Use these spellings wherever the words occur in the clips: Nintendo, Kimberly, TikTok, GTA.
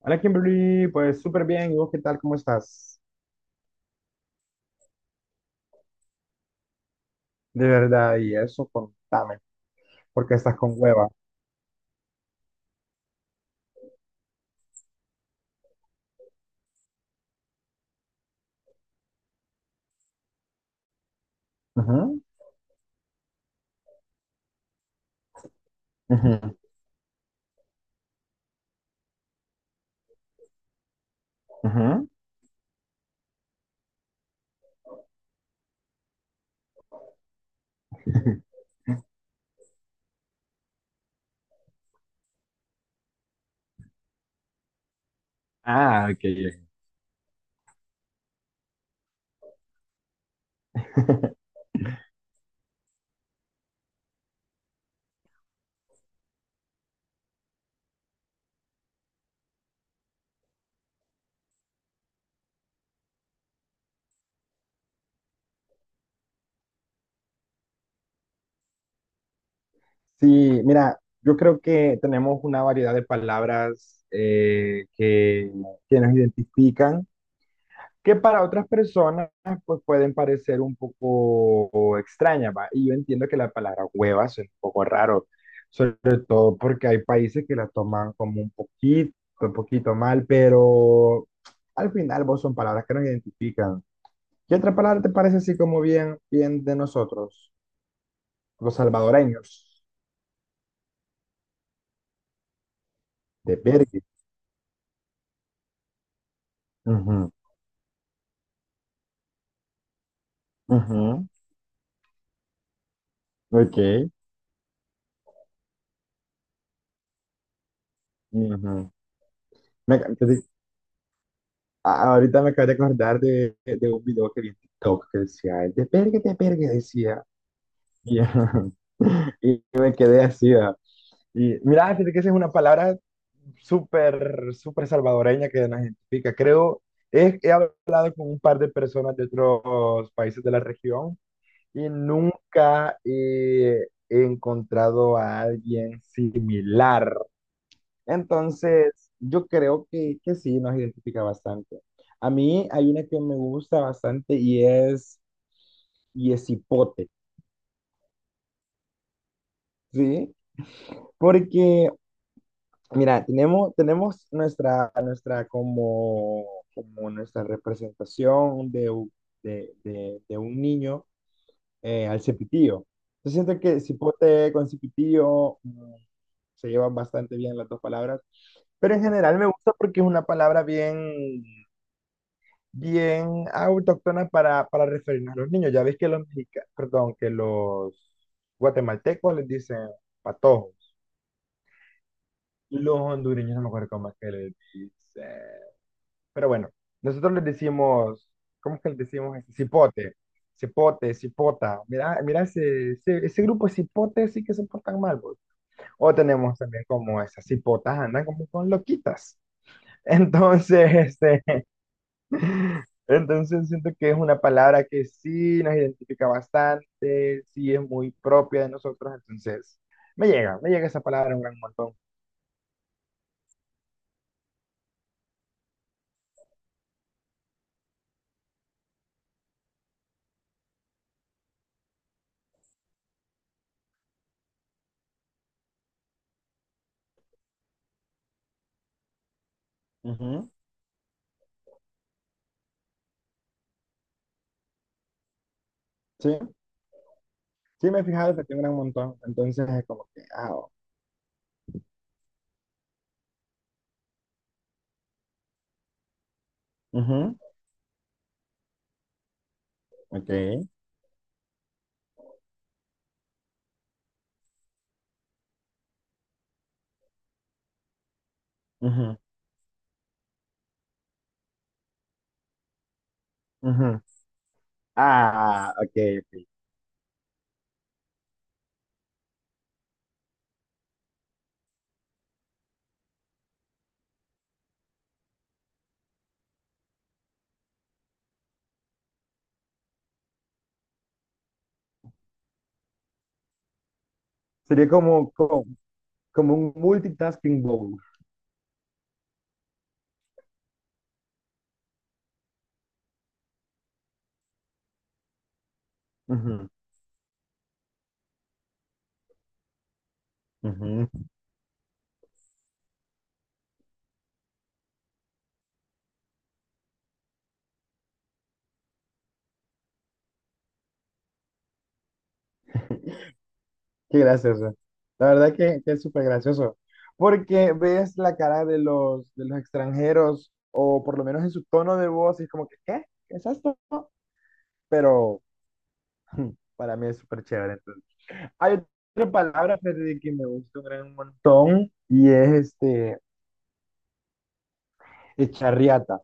Hola Kimberly, pues súper bien. ¿Y vos qué tal? ¿Cómo estás? De verdad, y eso, contame. ¿Por qué estás con hueva? Ujú, ujú, ujú. Ah, ok. Sí, mira, yo creo que tenemos una variedad de palabras que nos identifican, que para otras personas pues pueden parecer un poco extrañas, ¿va? Y yo entiendo que la palabra hueva es un poco raro, sobre todo porque hay países que la toman como un poquito mal, pero al final vos son palabras que nos identifican. ¿Qué otra palabra te parece así como bien, bien de nosotros, los salvadoreños? De Uf, Bergue. Ujú, ujú, ok, ujú. Me, Ah, ahorita me acabo de acordar de un video que vi en TikTok que decía, "el de pergue", decía. Y, y me quedé así. Ah. Y mira, fíjate que esa es una palabra súper, súper salvadoreña que nos identifica. Creo, he hablado con un par de personas de otros países de la región y nunca he encontrado a alguien similar, entonces, yo creo que, sí, nos identifica bastante. A mí hay una que me gusta bastante y es hipote, ¿sí? Porque, mira, tenemos nuestra como, como nuestra representación de, u- de un niño, al cepitillo. Yo siento que cipote con cepitillo, se llevan bastante bien las dos palabras, pero en general me gusta porque es una palabra bien bien autóctona para referirnos a los niños. Ya ves que los mexicanos, perdón, que los guatemaltecos les dicen patojos. Los hondureños no me acuerdo cómo es que les dicen. Pero bueno, nosotros les decimos, ¿cómo es que les decimos? Cipote, cipote, cipota. Mira, mira ese grupo de cipotes sí que se portan mal, pues. O tenemos también como esas cipotas andan como con loquitas. Entonces, este, Entonces siento que es una palabra que sí nos identifica bastante, sí es muy propia de nosotros, entonces me llega esa palabra un gran montón. Ujú, sí, sí me he fijado que tiene un gran montón. Entonces es como que, ah, oh, ujú, ok, ujú, ujú. Ah, ok, ok. Sería como un multitasking bowl. Ujú, ujú. Qué gracioso. La verdad que es súper gracioso. Porque ves la cara de los extranjeros, o por lo menos en su tono de voz, y es como que, ¿qué? ¿Qué es esto? Pero para mí es súper chévere, entonces. Hay otra palabra, Freddy, que me gusta un gran montón, y es echarriata.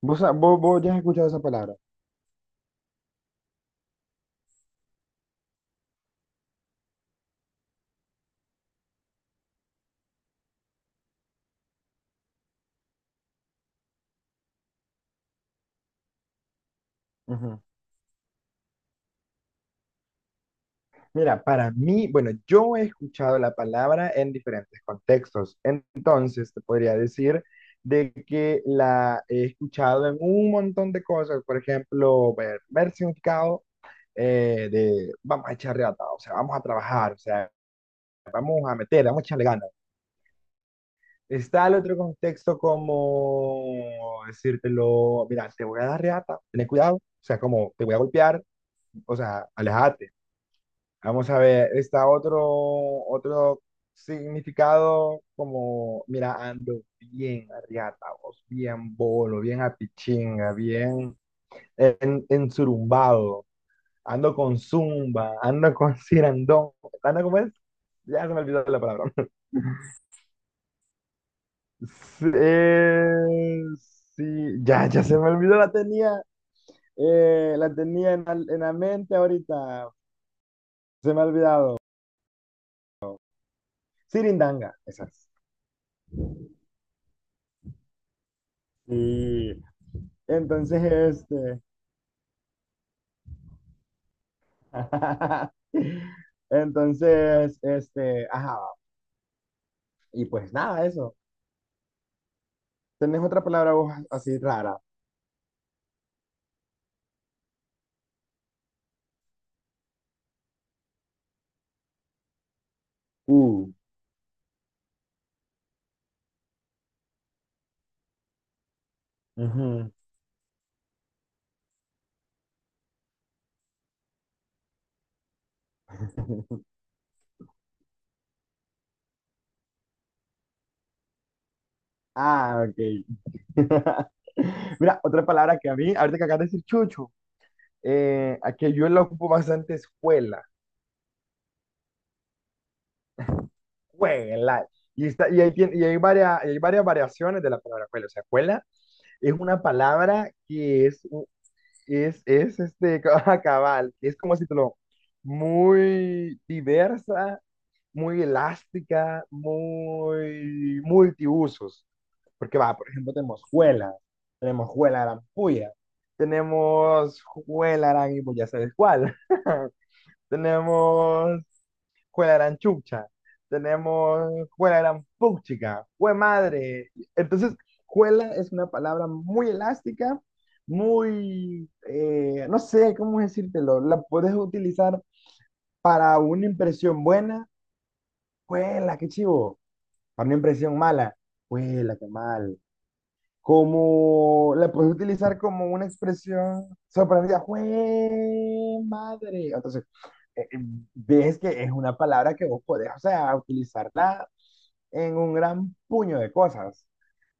¿Vos ya has escuchado esa palabra? Mira, para mí, bueno, yo he escuchado la palabra en diferentes contextos, entonces te podría decir de que la he escuchado en un montón de cosas, por ejemplo, ver, significado, de vamos a echar reata, o sea, vamos a trabajar, o sea, vamos a meter, vamos a echarle ganas. Está el otro contexto como decírtelo, mira, te voy a dar reata, ten cuidado, o sea, como te voy a golpear, o sea, alejate. Vamos a ver, está otro significado como, mira, ando bien arriata, vos, bien bolo, bien apichinga, bien ensurumbado, ando con zumba, ando con cirandón, ando como es, ya se me olvidó la palabra. Sí, sí, ya se me olvidó, la tenía en la mente ahorita, se me ha olvidado. Sirindanga, esas. Sí. Entonces, este, entonces, ajá, y pues nada, eso. ¿Tenés otra palabra vos así rara? Uh. Ujú. Ah, ok. Mira, otra palabra que a mí, ahorita que acabas de decir chucho, a que yo la ocupo bastante es cuela, cuela. Y, está, y, hay, tien- y hay, Y hay varias variaciones de la palabra cuela. O sea, cuela es una palabra que es, Es este cabal, es como si te lo muy diversa, muy elástica, muy multiusos. Porque va, por ejemplo, tenemos juela arampuya, tenemos juela arampuya, ya sabes cuál. Tenemos juega gran chucha, tenemos juega gran puchica, jue madre. Entonces, juela es una palabra muy elástica, no sé cómo decírtelo, la puedes utilizar para una impresión buena, juela, qué chivo, para una impresión mala, juela, qué mal, como la puedes utilizar como una expresión sorprendida, ¡jue madre! Entonces, eh, eh, ves que es una palabra que vos podés, o sea, utilizarla en un gran puño de cosas.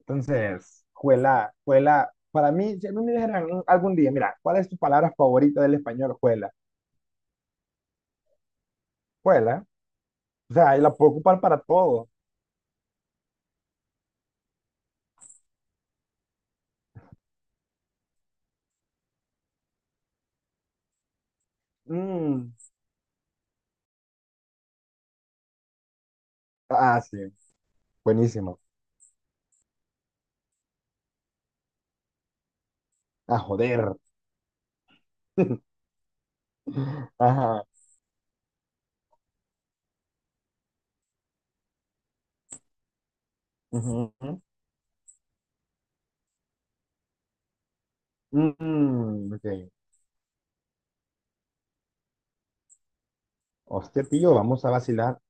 Entonces, juela, juela, para mí, si a mí me dijeran algún día, mira, ¿cuál es tu palabra favorita del español? Juela, juela, o sea, y la puedo ocupar para todo. Mm, ah, sí, buenísimo. A joder. Ajá. Ujú. Mm, ok. Hostia, tío, vamos a vacilar.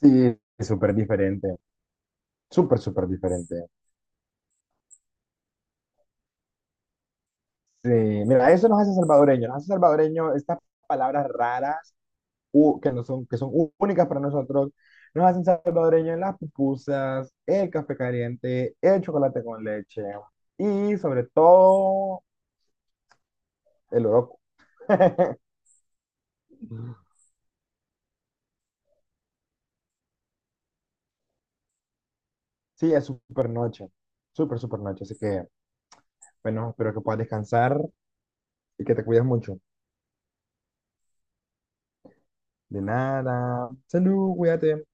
Sí, es súper diferente. Súper, súper diferente. Sí, mira, eso nos hace salvadoreños. Nos hace salvadoreños estas palabras raras que, no son, que son únicas para nosotros. Nos hacen salvadoreños las pupusas, el café caliente, el chocolate con leche y sobre todo el oroco. Sí, es súper noche. Súper, súper noche. Así que, bueno, espero que puedas descansar y que te cuides mucho. De nada. Salud, cuídate.